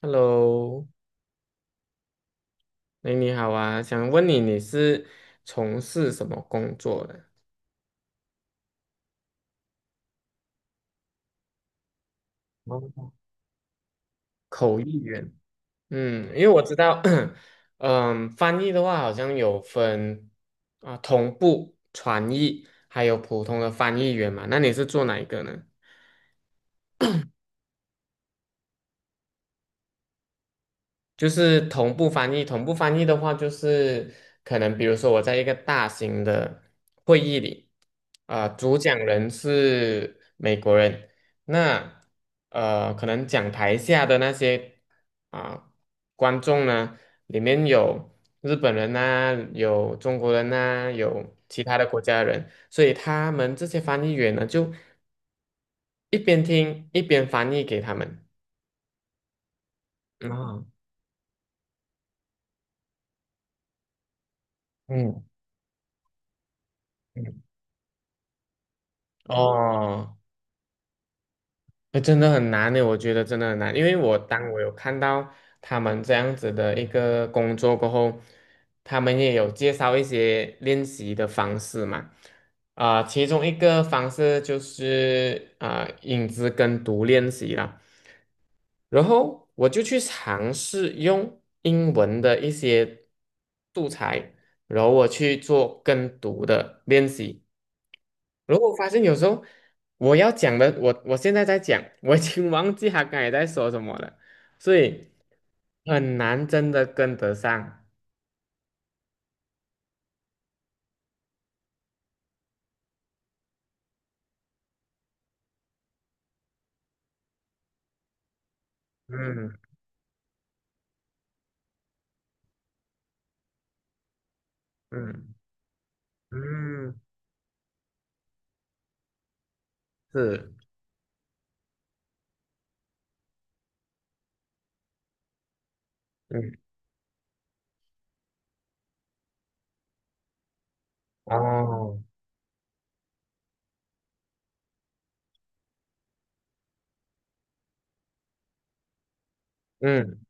Hello，哎，你好啊。想问你，你是从事什么工作的？哦，口译员。嗯，因为我知道，翻译的话好像有分啊，同步传译，还有普通的翻译员嘛。那你是做哪一个呢？就是同步翻译，同步翻译的话，就是可能比如说我在一个大型的会议里，啊、主讲人是美国人。那可能讲台下的那些啊、观众呢，里面有日本人呐、有中国人呐、有其他的国家的人，所以他们这些翻译员呢，就一边听一边翻译给他们。啊，嗯嗯。哦。哎，真的很难呢，我觉得真的很难，因为我当我有看到他们这样子的一个工作过后，他们也有介绍一些练习的方式嘛，啊、其中一个方式就是啊、影子跟读练习啦，然后我就去尝试用英文的一些素材，然后我去做跟读的练习。如果发现有时候我要讲的，我现在在讲，我已经忘记他刚才在说什么了，所以很难真的跟得上。嗯嗯嗯，是，嗯哦，嗯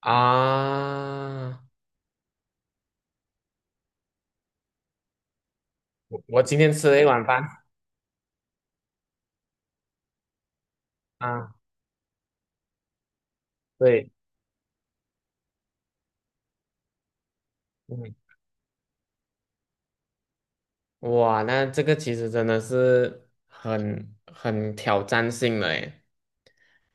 啊，我今天吃了一碗饭啊。对，嗯。哇，那这个其实真的是很挑战性的诶。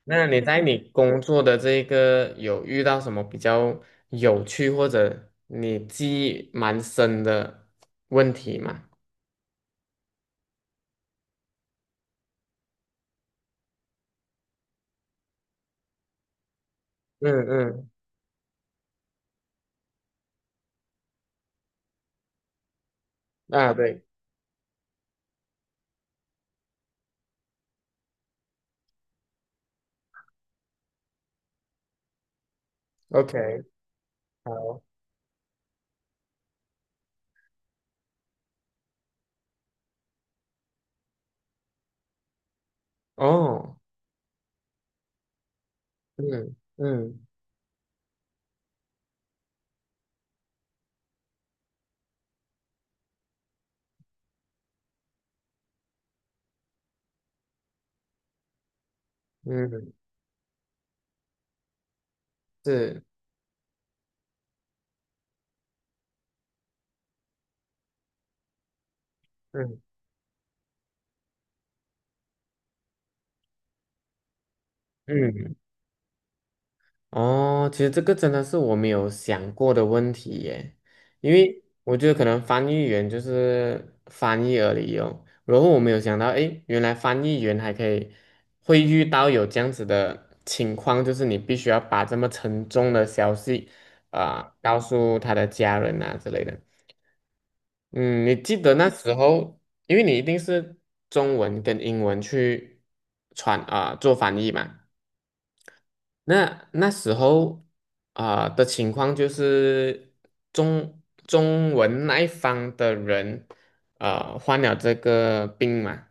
那你在你工作的这个有遇到什么比较有趣或者你记忆蛮深的问题吗？嗯嗯，啊对，OK，好，哦，嗯嗯嗯，是，嗯嗯。哦，其实这个真的是我没有想过的问题耶，因为我觉得可能翻译员就是翻译而已哦。然后我没有想到，诶，原来翻译员还可以会遇到有这样子的情况，就是你必须要把这么沉重的消息啊、告诉他的家人啊之类的。嗯，你记得那时候，因为你一定是中文跟英文去传啊、做翻译嘛。那那时候啊、的情况就是中中文那一方的人啊、患了这个病嘛。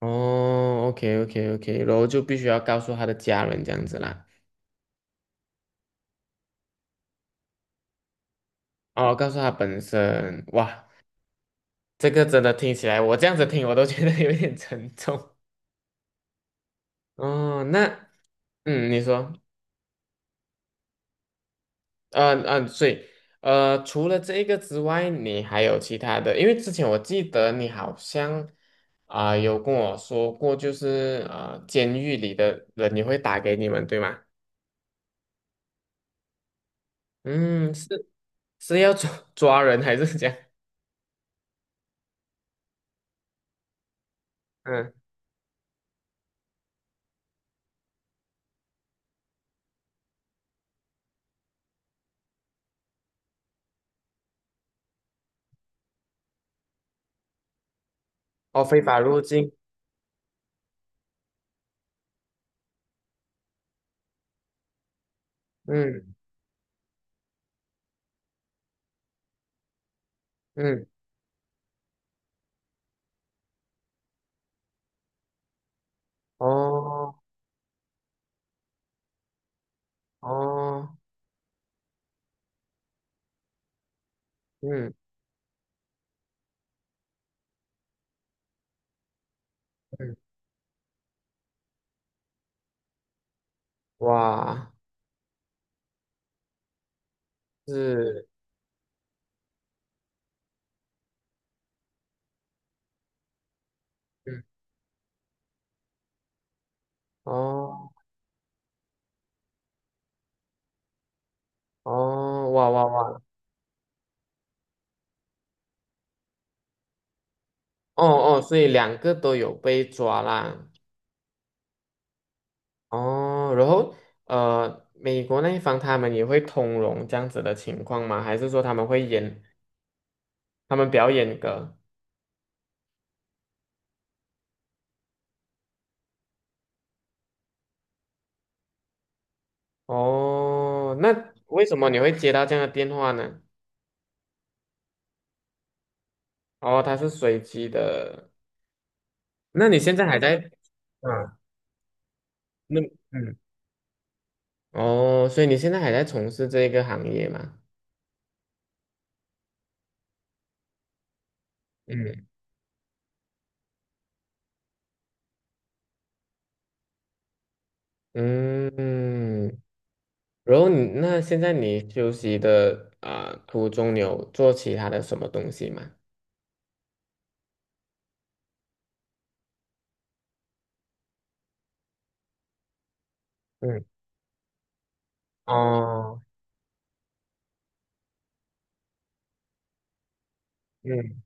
哦，OK OK OK，然后就必须要告诉他的家人这样子啦。哦，告诉他本身，哇，这个真的听起来，我这样子听我都觉得有一点沉重。哦，那嗯，你说。嗯嗯，所以除了这个之外，你还有其他的？因为之前我记得你好像啊、有跟我说过，就是监狱里的人也会打给你们，对吗？嗯，是是要抓人还是怎样？嗯，哦，非法入境。嗯嗯，哦哦，嗯嗯，哇，是，嗯哦哦，哇哇哇，哦哦，所以两个都有被抓啦。哦，然后美国那一方他们也会通融这样子的情况吗？还是说他们会严，他们比较严格？哦，那为什么你会接到这样的电话呢？哦，它是随机的。那你现在还在 啊？那嗯，哦，所以你现在还在从事这个行业吗？嗯嗯，然后你那现在你休息的啊、途中，你有做其他的什么东西吗？嗯，哦，嗯。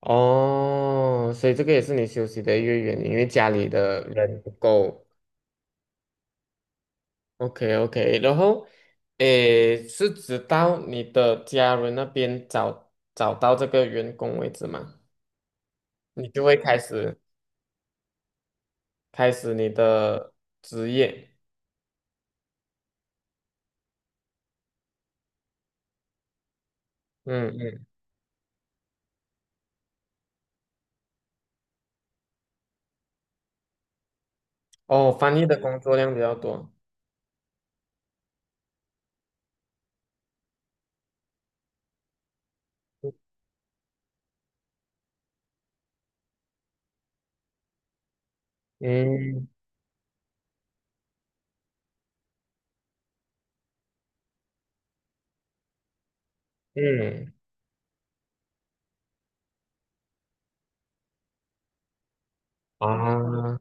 哦，所以这个也是你休息的一个原因，因为家里的人不够。OK OK，然后，诶，是直到你的家人那边找到这个员工为止嘛，你就会开始你的职业。嗯嗯，哦，翻译的工作量比较多。嗯嗯啊，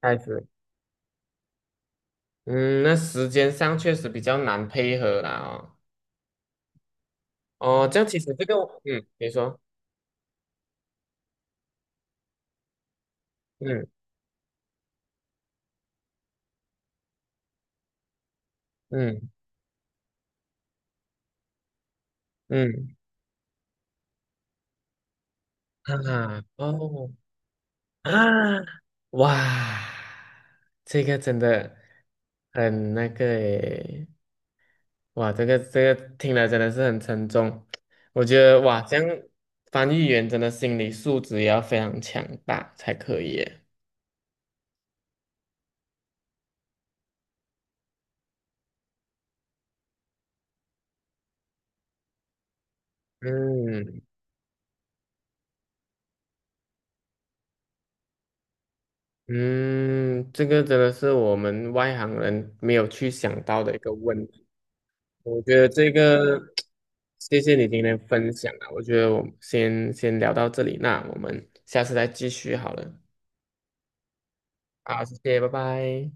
开始。嗯，那时间上确实比较难配合啦哦。哦，这样其实这个，嗯，你说。嗯。嗯嗯哈哈哦啊哇，这个真的很那个诶，哇，这个这个听了真的是很沉重。我觉得哇，这样翻译员真的心理素质也要非常强大才可以耶。嗯嗯，这个真的是我们外行人没有去想到的一个问我觉得这个。谢谢你今天分享啊，我觉得我们先聊到这里，那我们下次再继续好了。好，谢谢，拜拜。